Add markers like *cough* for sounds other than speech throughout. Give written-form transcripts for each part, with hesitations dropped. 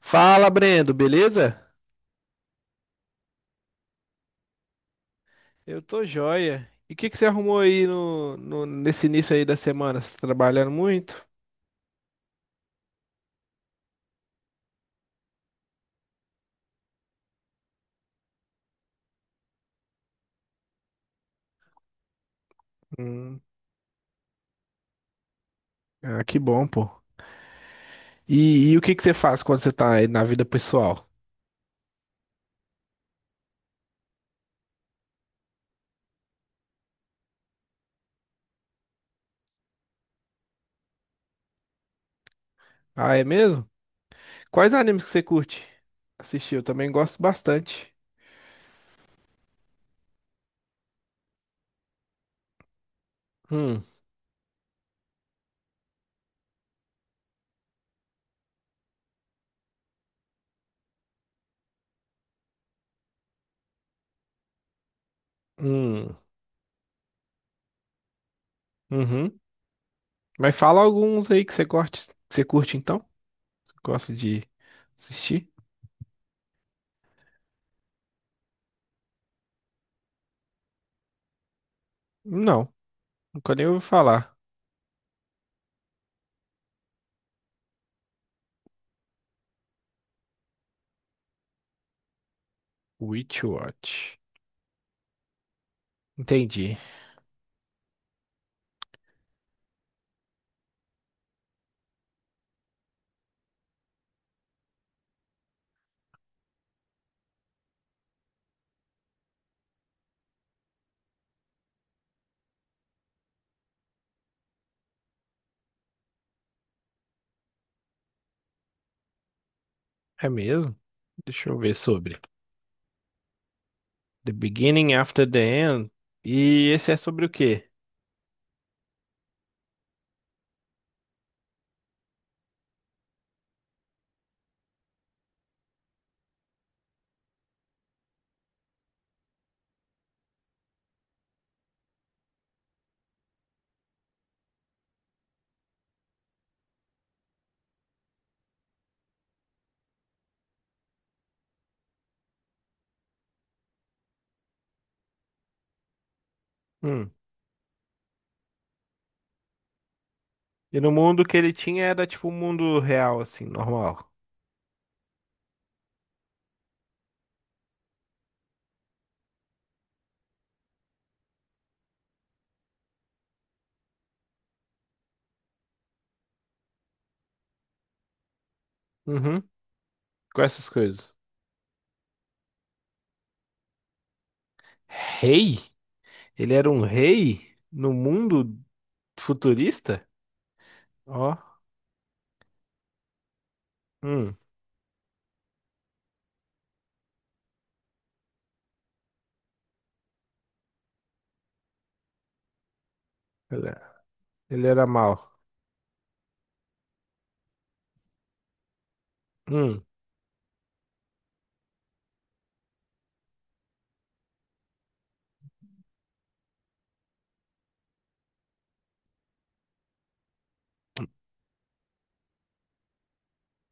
Fala, Brendo, beleza? Eu tô joia. E o que que você arrumou aí nesse início aí da semana? Você tá trabalhando muito? Hum, ah, que bom, pô. E o que que você faz quando você tá aí na vida pessoal? Ah, é mesmo? Quais animes que você curte assistir? Eu também gosto bastante. Hum, hum, uhum. Mas fala alguns aí que você curte, então? Você gosta de assistir? Não, nunca nem ouvi falar. Witch Watch. Entendi. É mesmo? Deixa eu ver sobre. The Beginning After the End. E esse é sobre o quê? Hum. E no mundo que ele tinha era tipo um mundo real, assim, normal. Uhum. Com essas coisas. Rei? Ele era um rei no mundo futurista? Ó. Hum. Ele ele era mau. Hum.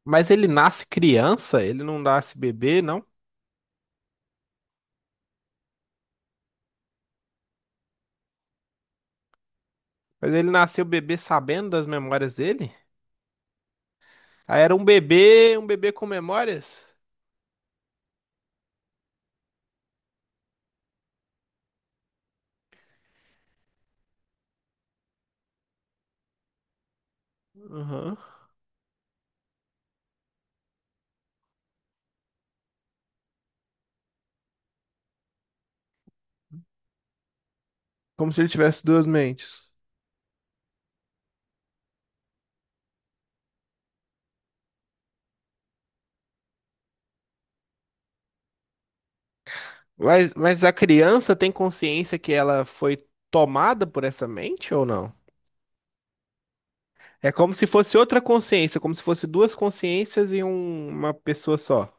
Mas ele nasce criança? Ele não nasce bebê, não? Mas ele nasceu bebê sabendo das memórias dele? Ah, era um bebê com memórias? Uhum. Como se ele tivesse duas mentes. Mas a criança tem consciência que ela foi tomada por essa mente ou não? É como se fosse outra consciência, como se fosse duas consciências em uma pessoa só.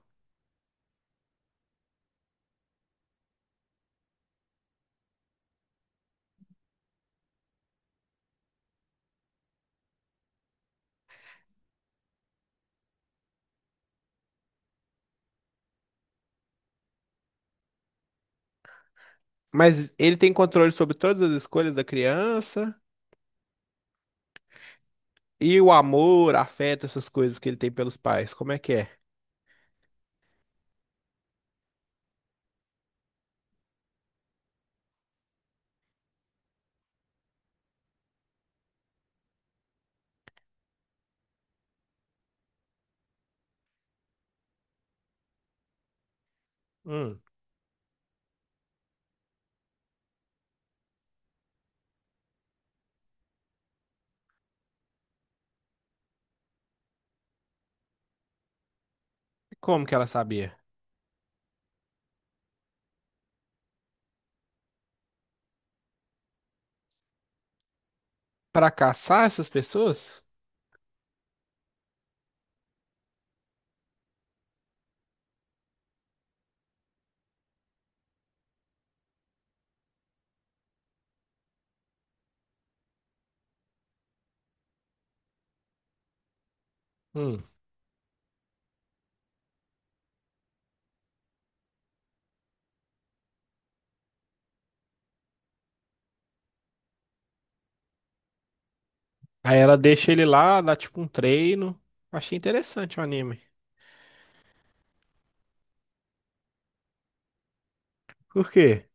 Mas ele tem controle sobre todas as escolhas da criança e o amor, afeto, essas coisas que ele tem pelos pais. Como é que é? Hum. Como que ela sabia? Pra caçar essas pessoas? Hum. Aí ela deixa ele lá, dá tipo um treino. Achei interessante o anime. Por quê?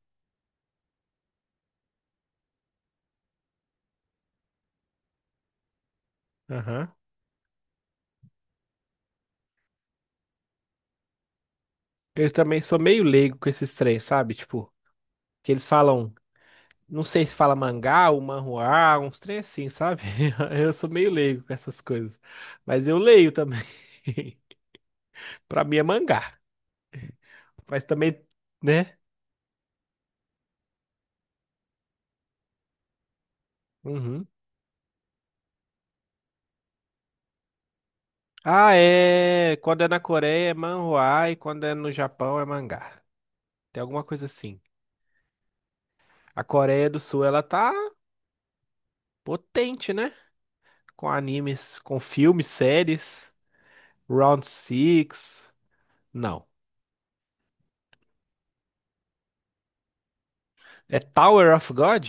Aham. Eu também sou meio leigo com esses três, sabe? Tipo, que eles falam, não sei se fala mangá ou manhua, uns três assim, sabe? *laughs* Eu sou meio leigo com essas coisas. Mas eu leio também. *laughs* Pra mim é mangá. Mas também, né? Uhum. Ah, é. Quando é na Coreia é manhua e quando é no Japão é mangá. Tem alguma coisa assim. A Coreia do Sul, ela tá potente, né? Com animes, com filmes, séries. Round Six. Não. É Tower of God?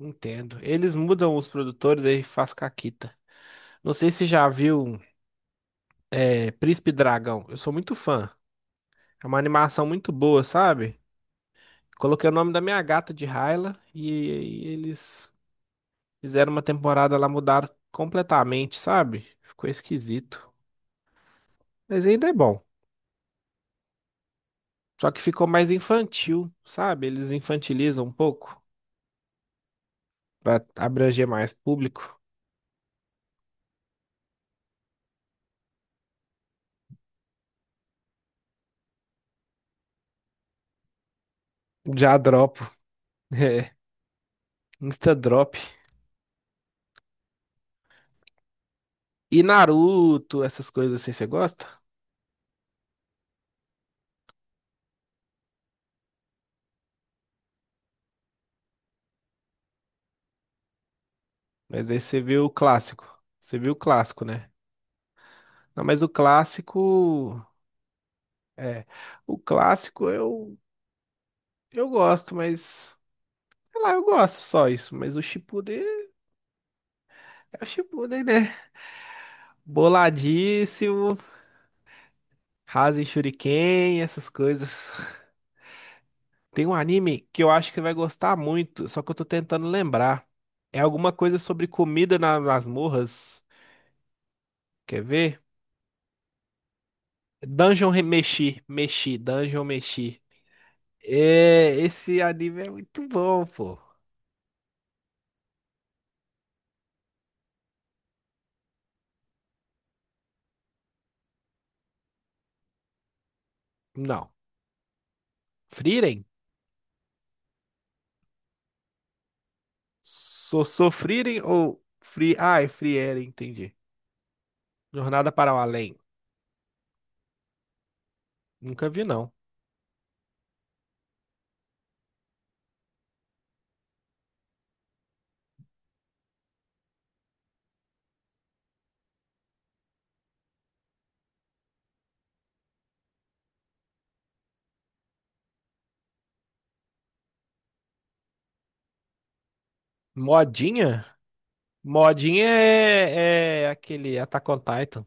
Entendo. Eles mudam os produtores aí faz caquita. Não sei se já viu Príncipe Dragão. Eu sou muito fã. É uma animação muito boa, sabe? Coloquei o nome da minha gata de Hyla e eles fizeram uma temporada lá, mudaram completamente, sabe? Ficou esquisito. Mas ainda é bom. Só que ficou mais infantil, sabe? Eles infantilizam um pouco pra abranger mais público. Já dropo. *laughs* É, Insta drop. E Naruto, essas coisas assim, você gosta? Mas aí você viu o clássico. Você viu o clássico, né? Não, mas o clássico. É. O clássico eu, eu gosto, mas. Sei lá, eu gosto só isso. Mas o Shippuden é o Shippuden, né? Boladíssimo, Rasen Shuriken, essas coisas. Tem um anime que eu acho que você vai gostar muito, só que eu tô tentando lembrar. É alguma coisa sobre comida nas masmorras. Quer ver? Meshi. Meshi, Dungeon Meshi. É, esse anime é muito bom, pô. Não. Frieren? Sou Frieren ou Free. Ah, é Frieren, entendi. Jornada para o Além. Nunca vi, não. Modinha? Modinha é aquele Attack on Titan.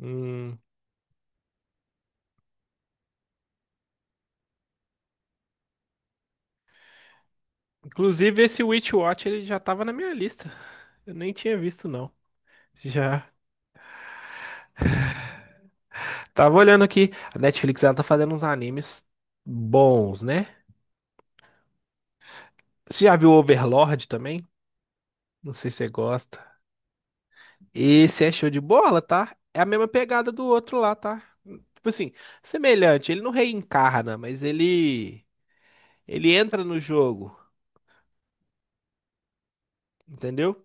Hum, Inclusive, esse Witch Watch ele já tava na minha lista. Eu nem tinha visto, não. Já. Tava olhando aqui. A Netflix ela tá fazendo uns animes bons, né? Você já viu Overlord também? Não sei se você gosta. Esse é show de bola, tá? É a mesma pegada do outro lá, tá? Tipo assim, semelhante, ele não reencarna, mas ele entra no jogo, entendeu?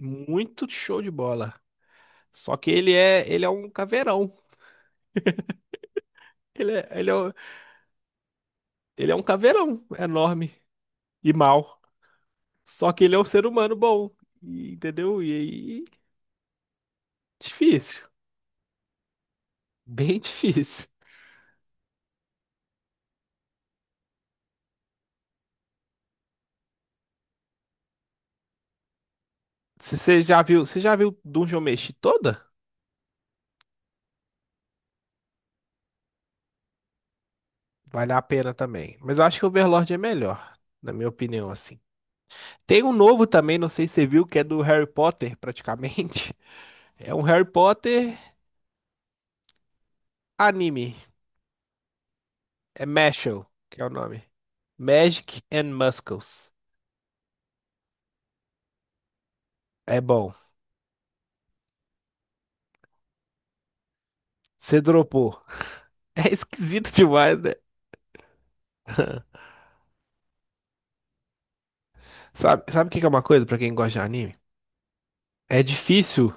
Muito show de bola. Só que ele é um caveirão. Ele é, ele é, um- ele é um caveirão enorme e mau. Só que ele é um ser humano bom, entendeu? E aí, difícil, bem *laughs* difícil. Você já viu Dungeon Meshi toda? Vale a pena também. Mas eu acho que o Overlord é melhor, na minha opinião, assim. Tem um novo também, não sei se você viu, que é do Harry Potter, praticamente. *laughs* É um Harry Potter anime. É Mashle, que é o nome. Magic and Muscles. É bom. Você dropou. *laughs* É esquisito demais, né? Sabe o que que é uma coisa pra quem gosta de anime? É difícil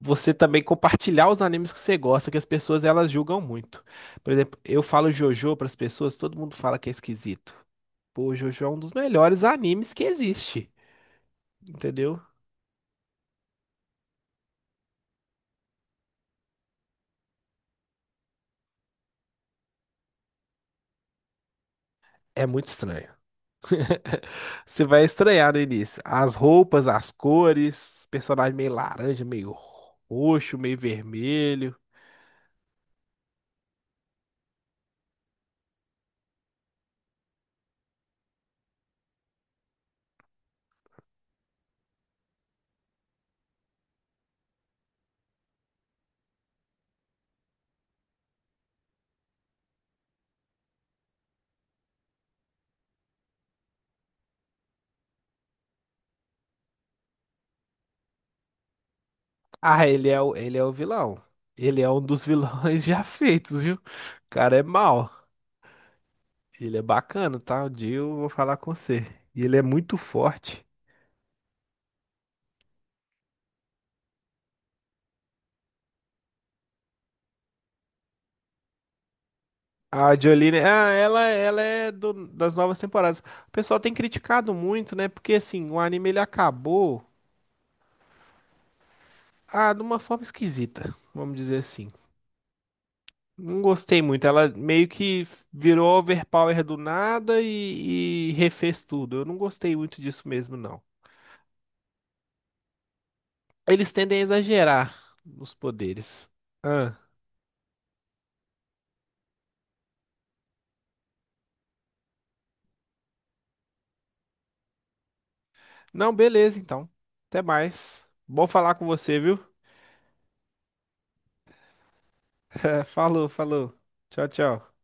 você também compartilhar os animes que você gosta, que as pessoas elas julgam muito. Por exemplo, eu falo JoJo pras pessoas, todo mundo fala que é esquisito. Pô, Jojo é um dos melhores animes que existe, entendeu? É muito estranho. *laughs* Você vai estranhar no início. As roupas, as cores, os personagens meio laranja, meio roxo, meio vermelho. Ele é o vilão. Ele é um dos vilões *laughs* já feitos, viu? O cara é mau. Ele é bacana, tá? Um dia eu vou falar com você. E ele é muito forte. A Jolene, ah, ela é das novas temporadas. O pessoal tem criticado muito, né? Porque assim, o anime ele acabou ah, de uma forma esquisita, vamos dizer assim. Não gostei muito. Ela meio que virou overpower do nada e refez tudo. Eu não gostei muito disso mesmo, não. Eles tendem a exagerar nos poderes. Ah. Não, beleza, então. Até mais. Bom falar com você, viu? É, falou, falou. Tchau, tchau.